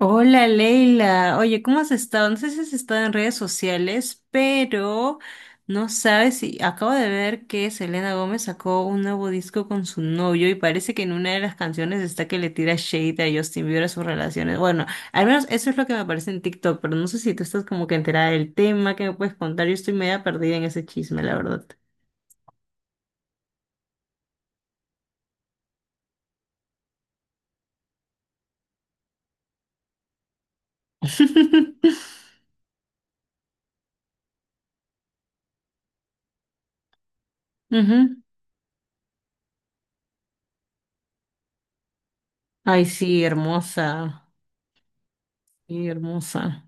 Hola Leila, oye, ¿cómo has estado? No sé si has estado en redes sociales, pero no sabes si acabo de ver que Selena Gómez sacó un nuevo disco con su novio y parece que en una de las canciones está que le tira shade a Justin Bieber a sus relaciones. Bueno, al menos eso es lo que me aparece en TikTok, pero no sé si tú estás como que enterada del tema, ¿qué me puedes contar? Yo estoy media perdida en ese chisme, la verdad. Ujú. Ay, sí, hermosa, sí, hermosa.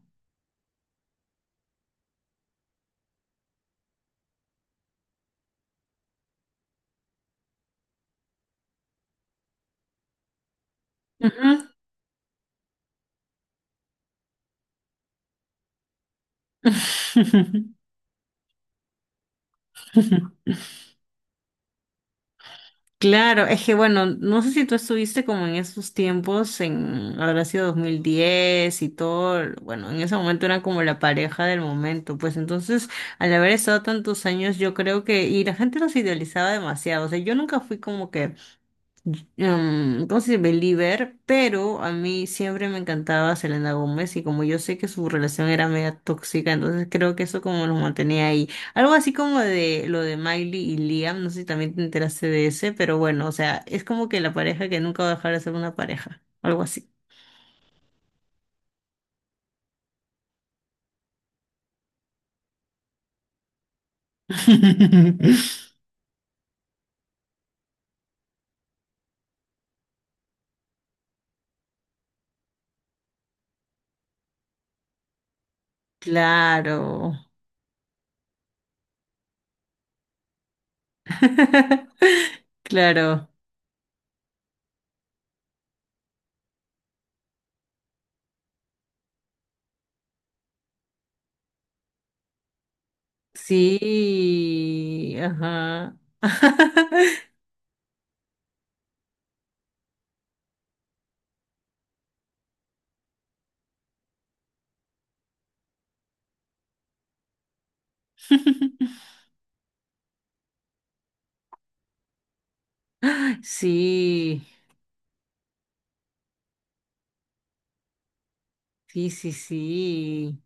Ujú. Claro, es que bueno, no sé si tú estuviste como en esos tiempos, en habrá sido 2010 y todo. Bueno, en ese momento era como la pareja del momento, pues entonces al haber estado tantos años yo creo que, y la gente los idealizaba demasiado, o sea, yo nunca fui como que ¿cómo se dice? Believer, pero a mí siempre me encantaba Selena Gómez y como yo sé que su relación era media tóxica, entonces creo que eso como los mantenía ahí. Algo así como de lo de Miley y Liam, no sé si también te enteraste de ese, pero bueno, o sea, es como que la pareja que nunca va a dejar de ser una pareja, algo así. Claro. Claro. Sí. Ajá. Sí. Sí, sí, sí.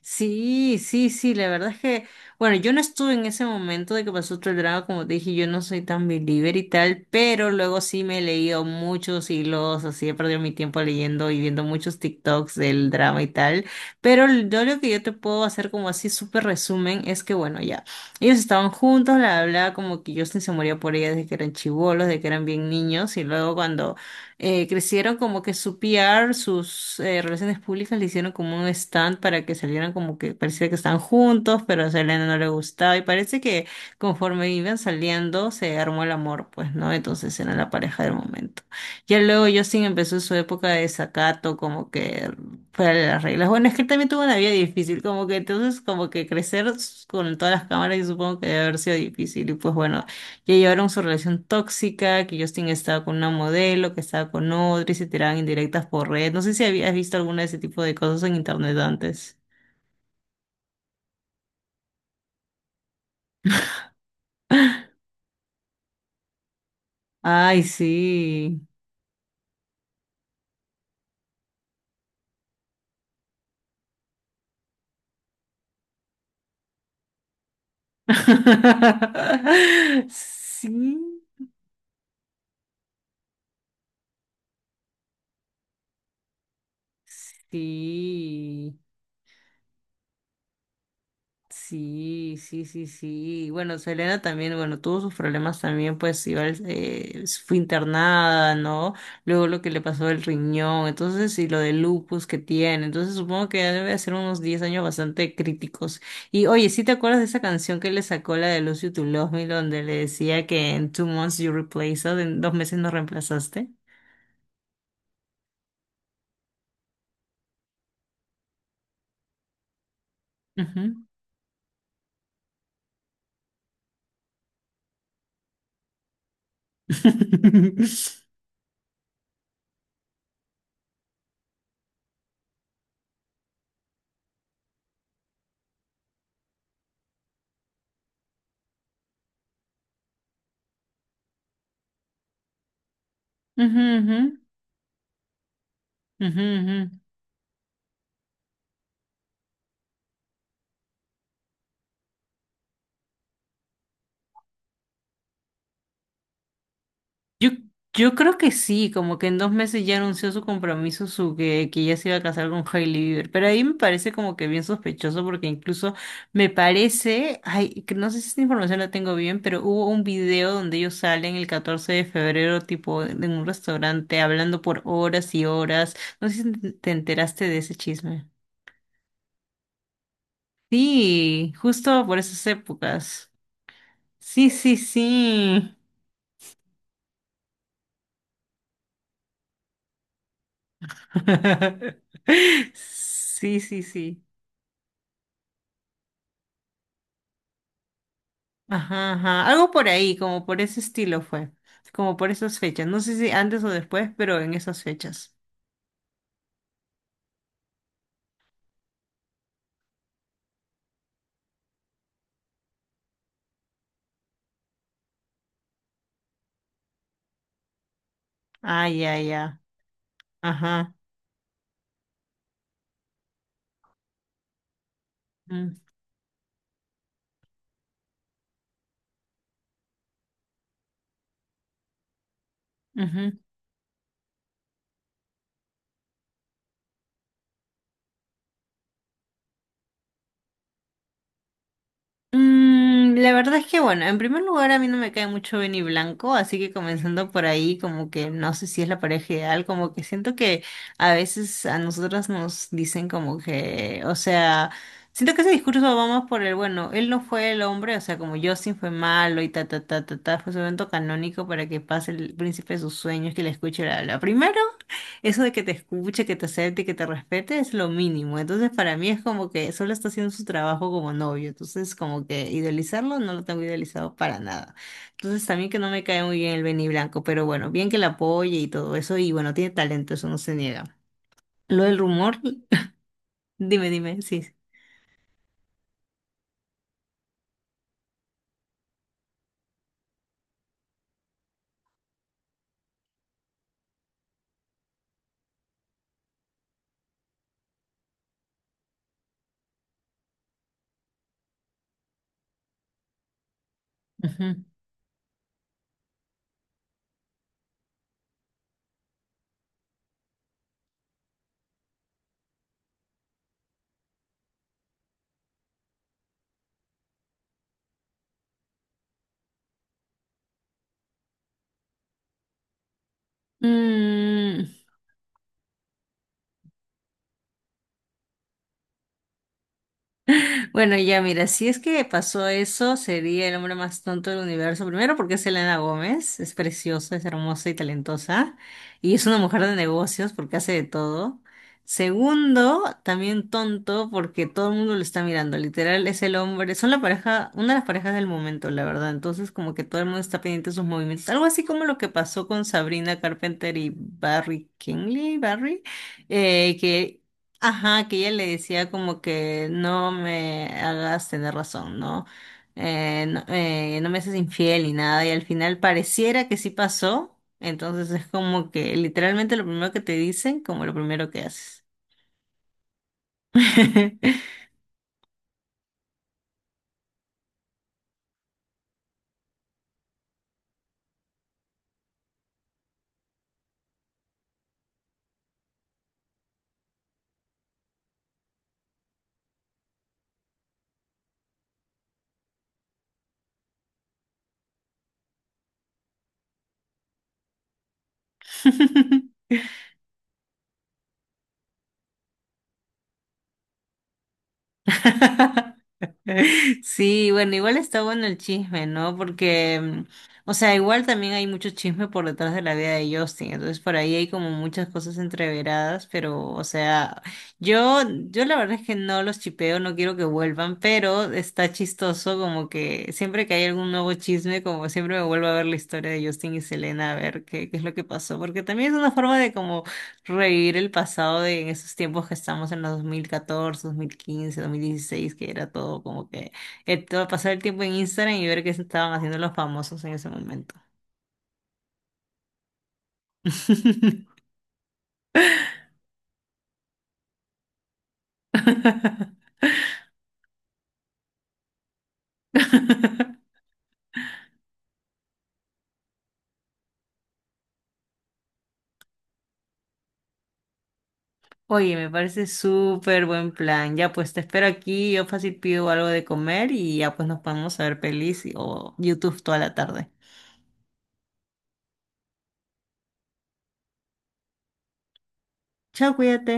Sí, sí, sí, la verdad es que, bueno, yo no estuve en ese momento de que pasó todo el drama, como te dije, yo no soy tan believer y tal, pero luego sí me he leído muchos hilos, así he perdido mi tiempo leyendo y viendo muchos TikToks del drama y tal, pero yo lo que yo te puedo hacer como así súper resumen es que, bueno, ya, ellos estaban juntos, la hablaba como que Justin se moría por ella desde que eran chibolos, desde que eran bien niños, y luego cuando crecieron como que su PR, sus relaciones públicas le hicieron como un stand para que salieran como que parecía que estaban juntos, pero a Selena no le gustaba y parece que conforme iban saliendo se armó el amor, pues, ¿no? Entonces eran la pareja del momento. Ya luego Justin empezó su época de desacato, como que fuera de las reglas. Bueno, es que él también tuvo una vida difícil, como que entonces como que crecer con todas las cámaras yo supongo que debe haber sido difícil y pues bueno, que llevaron su relación tóxica, que Justin estaba con una modelo, que estaba con otra y se tiraban indirectas por red. No sé si habías visto alguna de ese tipo de cosas en internet antes. Ay, sí. Sí, sí. Sí, sí, sí, sí. Bueno, Selena también, bueno, tuvo sus problemas también, pues igual fue internada, ¿no? Luego lo que le pasó el riñón, entonces, y lo de lupus que tiene. Entonces, supongo que debe de ser unos 10 años bastante críticos. Y oye, ¿sí te acuerdas de esa canción que le sacó, la de Lose You to Love Me, donde le decía que en two months you replaced us, en dos meses nos reemplazaste? Ujú. Ujú, ujú, ujú, ujú. Yo, yo creo que sí, como que en 2 meses ya anunció su compromiso, que ya se iba a casar con Hailey Bieber. Pero ahí me parece como que bien sospechoso, porque incluso me parece, ay, que no sé si esta información la tengo bien, pero hubo un video donde ellos salen el 14 de febrero, tipo en un restaurante, hablando por horas y horas. No sé si te enteraste de ese chisme. Sí, justo por esas épocas. Sí, sí, sí. Sí, sí, sí. Ajá, ajá. Algo por ahí, como por ese estilo fue. Como por esas fechas. No sé si antes o después, pero en esas fechas. Ah, ya, ya. Ajá. Mm, ujú. Mm, la verdad es que, bueno, en primer lugar a mí no me cae mucho Benny Blanco, así que comenzando por ahí, como que no sé si es la pareja ideal, como que siento que a veces a nosotras nos dicen como que, o sea, siento que ese discurso va más por el, bueno, él no fue el hombre, o sea, como Justin fue malo y ta, ta, ta, ta, ta, fue su evento canónico para que pase el príncipe de sus sueños, que le escuche la primero. Eso de que te escuche, que te acepte, que te respete es lo mínimo. Entonces, para mí es como que solo está haciendo su trabajo como novio. Entonces, como que idealizarlo no lo tengo idealizado para nada. Entonces, también que no me cae muy bien el Benny Blanco, pero bueno, bien que la apoye y todo eso. Y bueno, tiene talento, eso no se niega. Lo del rumor, dime, dime, sí. Ujú. Mm, bueno, ya mira, si es que pasó eso, sería el hombre más tonto del universo. Primero porque es Elena Gómez, es preciosa, es hermosa y talentosa. Y es una mujer de negocios porque hace de todo. Segundo, también tonto porque todo el mundo lo está mirando. Literal, es el hombre, son la pareja, una de las parejas del momento, la verdad. Entonces, como que todo el mundo está pendiente de sus movimientos. Algo así como lo que pasó con Sabrina Carpenter y Barry Kingley, Barry, que Ajá, que ella le decía como que no me hagas tener razón, ¿no? No, no me haces infiel ni nada, y al final pareciera que sí pasó, entonces es como que literalmente lo primero que te dicen, como lo primero que haces. Sí, bueno, igual está bueno el chisme, ¿no? Porque, mm, o sea, igual también hay mucho chisme por detrás de la vida de Justin, entonces por ahí hay como muchas cosas entreveradas, pero, o sea, yo, yo la verdad es que no los chipeo, no quiero que vuelvan, pero está chistoso como que siempre que hay algún nuevo chisme, como siempre me vuelvo a ver la historia de Justin y Selena, a ver qué es lo que pasó, porque también es una forma de como revivir el pasado, de en esos tiempos que estamos en los 2014, 2015, 2016, que era todo como que pasar el tiempo en Instagram y ver qué se estaban haciendo los famosos en ese momento. Oye, me parece súper buen plan. Ya pues te espero aquí, yo fácil pido algo de comer y ya pues nos podemos ver pelis y- o YouTube toda la tarde. Chao, cuídate.